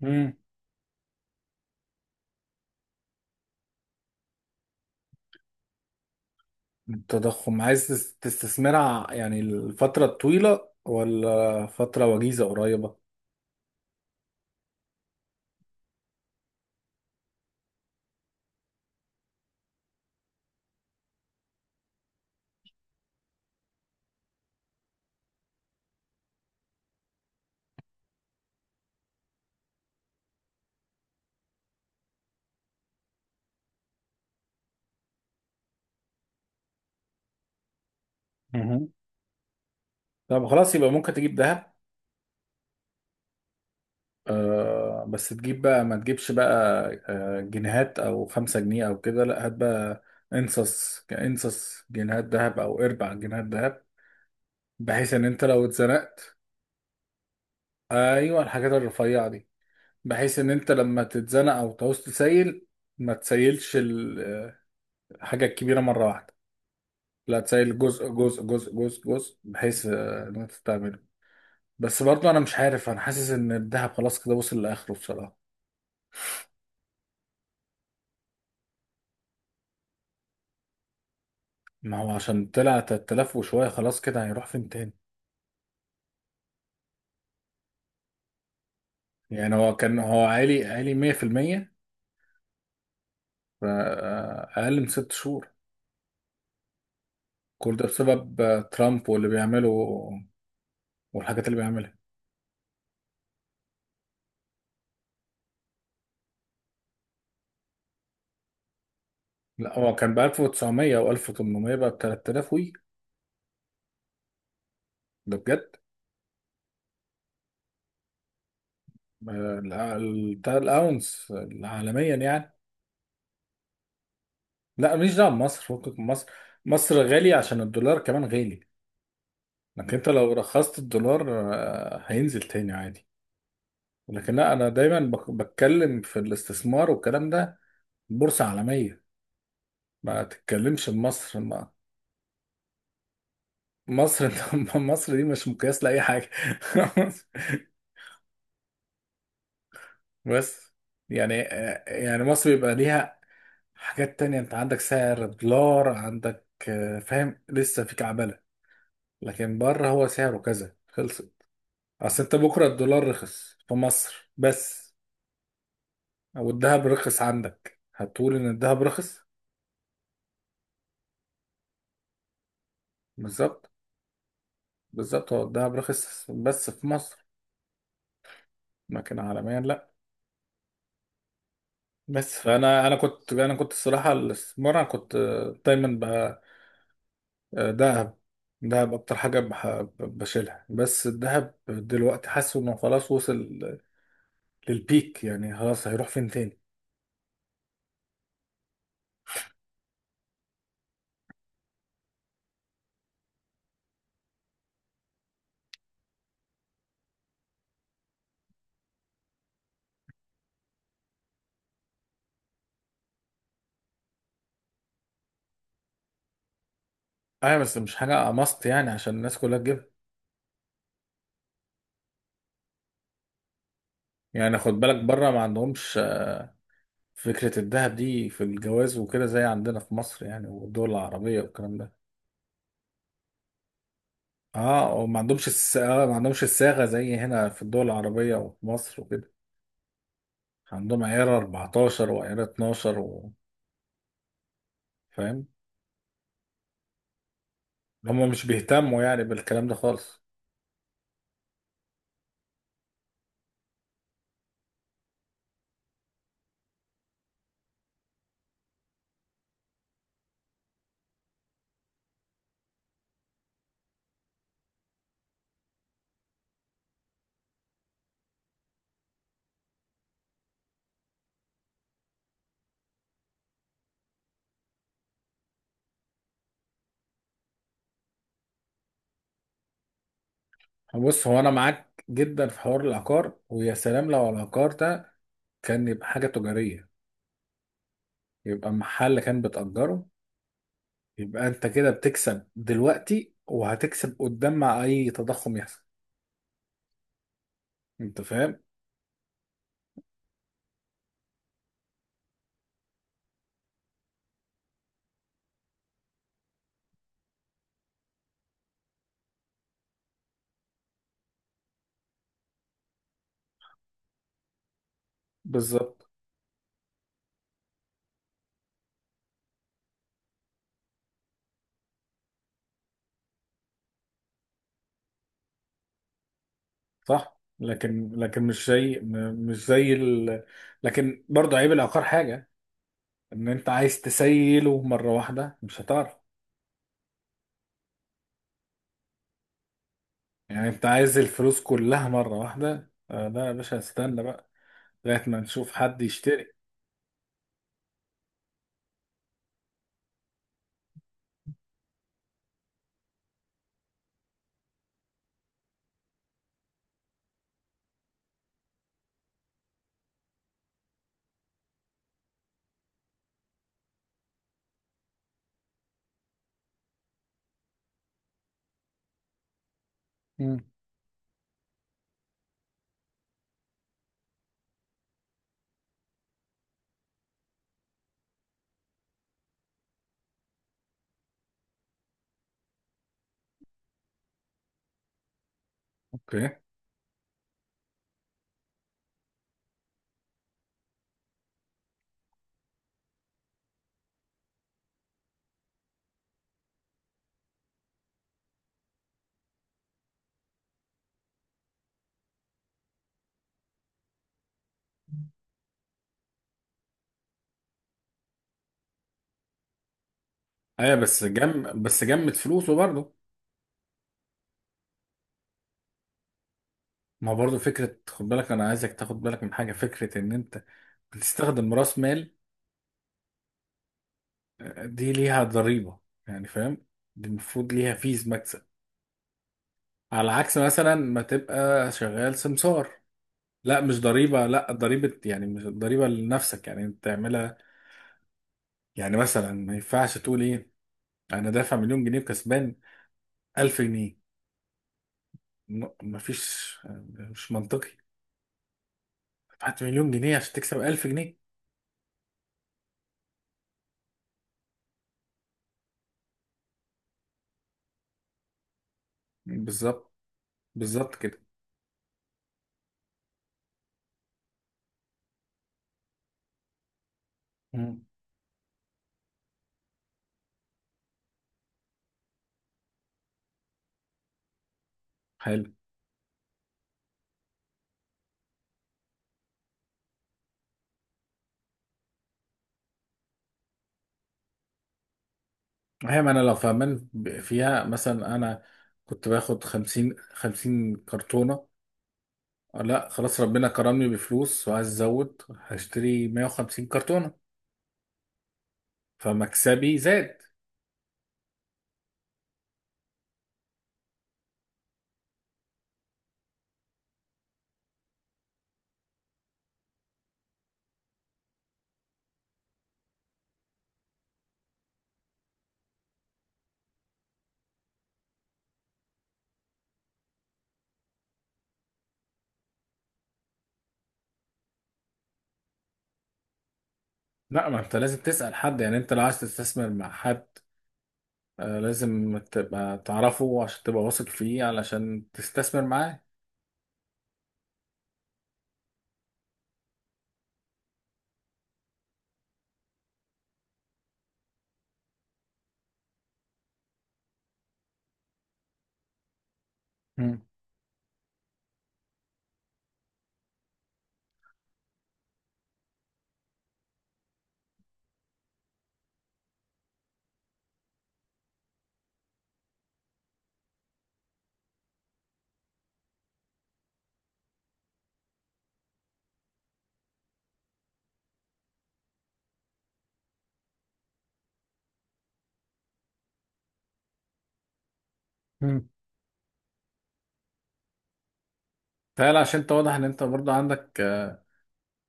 مم. التضخم عايز تستثمرها، يعني الفترة الطويلة ولا فترة وجيزة قريبة؟ مهم. طب خلاص، يبقى ممكن تجيب ذهب. آه، بس تجيب بقى ما تجيبش بقى، آه، جنيهات او خمسة جنيه او كده، لا هات بقى انصص جنيهات ذهب او اربع جنيهات ذهب، بحيث ان انت لو اتزنقت. ايوه، الحاجات الرفيعة دي، بحيث ان انت لما تتزنق او تعوز تسيل، ما تسيلش الحاجة الكبيرة مرة واحدة. لا، تسيل جزء جزء جزء جزء جزء، بحيث ان انت تعمله. بس برضه انا مش عارف، انا حاسس ان الذهب خلاص كده وصل لاخره بصراحه. ما هو عشان طلع 3000 وشويه، خلاص كده هيروح فين تاني؟ يعني هو كان، عالي عالي 100%، اقل من ست شهور. كل ده بسبب ترامب واللي بيعمله والحاجات اللي بيعملها. لا، هو كان ب 1900 او 1800، بقى ب 3000 وي. ده بجد. الاونس عالميا يعني. لا ماليش دعوه بمصر، فكك من مصر. مصر غالي عشان الدولار كمان غالي. لكن انت لو رخصت الدولار هينزل تاني عادي. لكن لا، انا دايما بتكلم في الاستثمار والكلام ده، بورصه عالميه. ما تتكلمش بمصر، ما مصر مصر دي مش مقياس لاي حاجه. بس يعني، مصر بيبقى ليها حاجات تانية. انت عندك سعر دولار، عندك فاهم لسه في كعبله. لكن بره هو سعره كذا خلص. اصل انت بكره الدولار رخص في مصر بس، والذهب رخص عندك، هتقول ان الذهب رخص. بالظبط. بالظبط، هو الذهب رخص بس في مصر، لكن عالميا لا. بس، فانا انا كنت انا كنت الصراحه، الاستثمار انا كنت دايما بقى ذهب. دهب اكتر حاجه بشيلها، بس الذهب دلوقتي حاسه انه خلاص وصل للبيك. يعني خلاص هيروح فين تاني؟ ايوه بس مش حاجه ماست يعني عشان الناس كلها تجيبها. يعني خد بالك، بره ما عندهمش فكرة الذهب دي في الجواز وكده زي عندنا في مصر يعني، والدول العربية والكلام ده. اه، وما عندهمش الس... آه ما عندهمش الصاغة زي هنا في الدول العربية وفي مصر وكده، عندهم عيار 14 وعيار 12 و... فاهم، هما مش بيهتموا يعني بالكلام ده خالص. بص، هو انا معاك جدا في حوار العقار، ويا سلام لو العقار ده كان يبقى حاجة تجارية، يبقى محل كان بتأجره، يبقى انت كده بتكسب دلوقتي، وهتكسب قدام مع اي تضخم يحصل. انت فاهم؟ بالظبط. صح، لكن مش زي ال... لكن برضه عيب العقار حاجة، ان انت عايز تسيله مرة واحدة مش هتعرف. يعني انت عايز الفلوس كلها مرة واحدة، لا يا باشا استنى بقى، لغاية ما نشوف حد يشتري. مم. اوكي. ايوه بس جم بس جمد فلوسه برضه. ما هو برضه فكرة، خد بالك انا عايزك تاخد بالك من حاجة، فكرة ان انت بتستخدم راس مال، دي ليها ضريبة، يعني فاهم. دي المفروض ليها فيز مكسب، على عكس مثلا ما تبقى شغال سمسار. لا، مش ضريبة، لا ضريبة يعني مش ضريبة لنفسك، يعني انت تعملها. يعني مثلا ما ينفعش تقول ايه، انا دافع مليون جنيه وكسبان 1000 جنيه، مفيش، مش منطقي. دفعت مليون جنيه عشان تكسب 1000 جنيه؟ بالظبط، بالظبط كده. مم. حلو. هي ما انا لو فاهمان فيها، مثلا انا كنت باخد 50 50 كرتونة، لا خلاص ربنا كرمني بفلوس وعايز ازود، هشتري 150 كرتونة، فمكسبي زاد. لا، ما انت لازم تسأل حد يعني، انت لو عايز تستثمر مع حد لازم تبقى تعرفه عشان تبقى واثق فيه علشان تستثمر معاه. مم. مم. فعلا، عشان انت واضح ان انت برضه عندك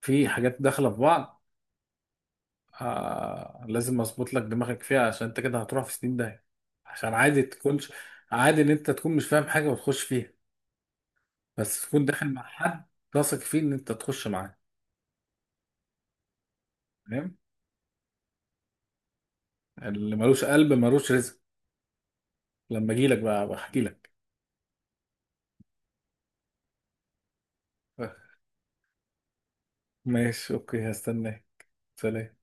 في حاجات داخلة في بعض. لازم اظبط لك دماغك فيها، عشان انت كده هتروح في سنين داهية. عشان عادي تكونش عادي ان انت تكون مش فاهم حاجة وتخش فيها، بس تكون داخل مع حد واثق فيه ان انت تخش معاه. فاهم؟ اللي ملوش قلب ملوش رزق، لما اجي لك بقى بحكي لك. آه، ماشي، اوكي، هستناك. سلام.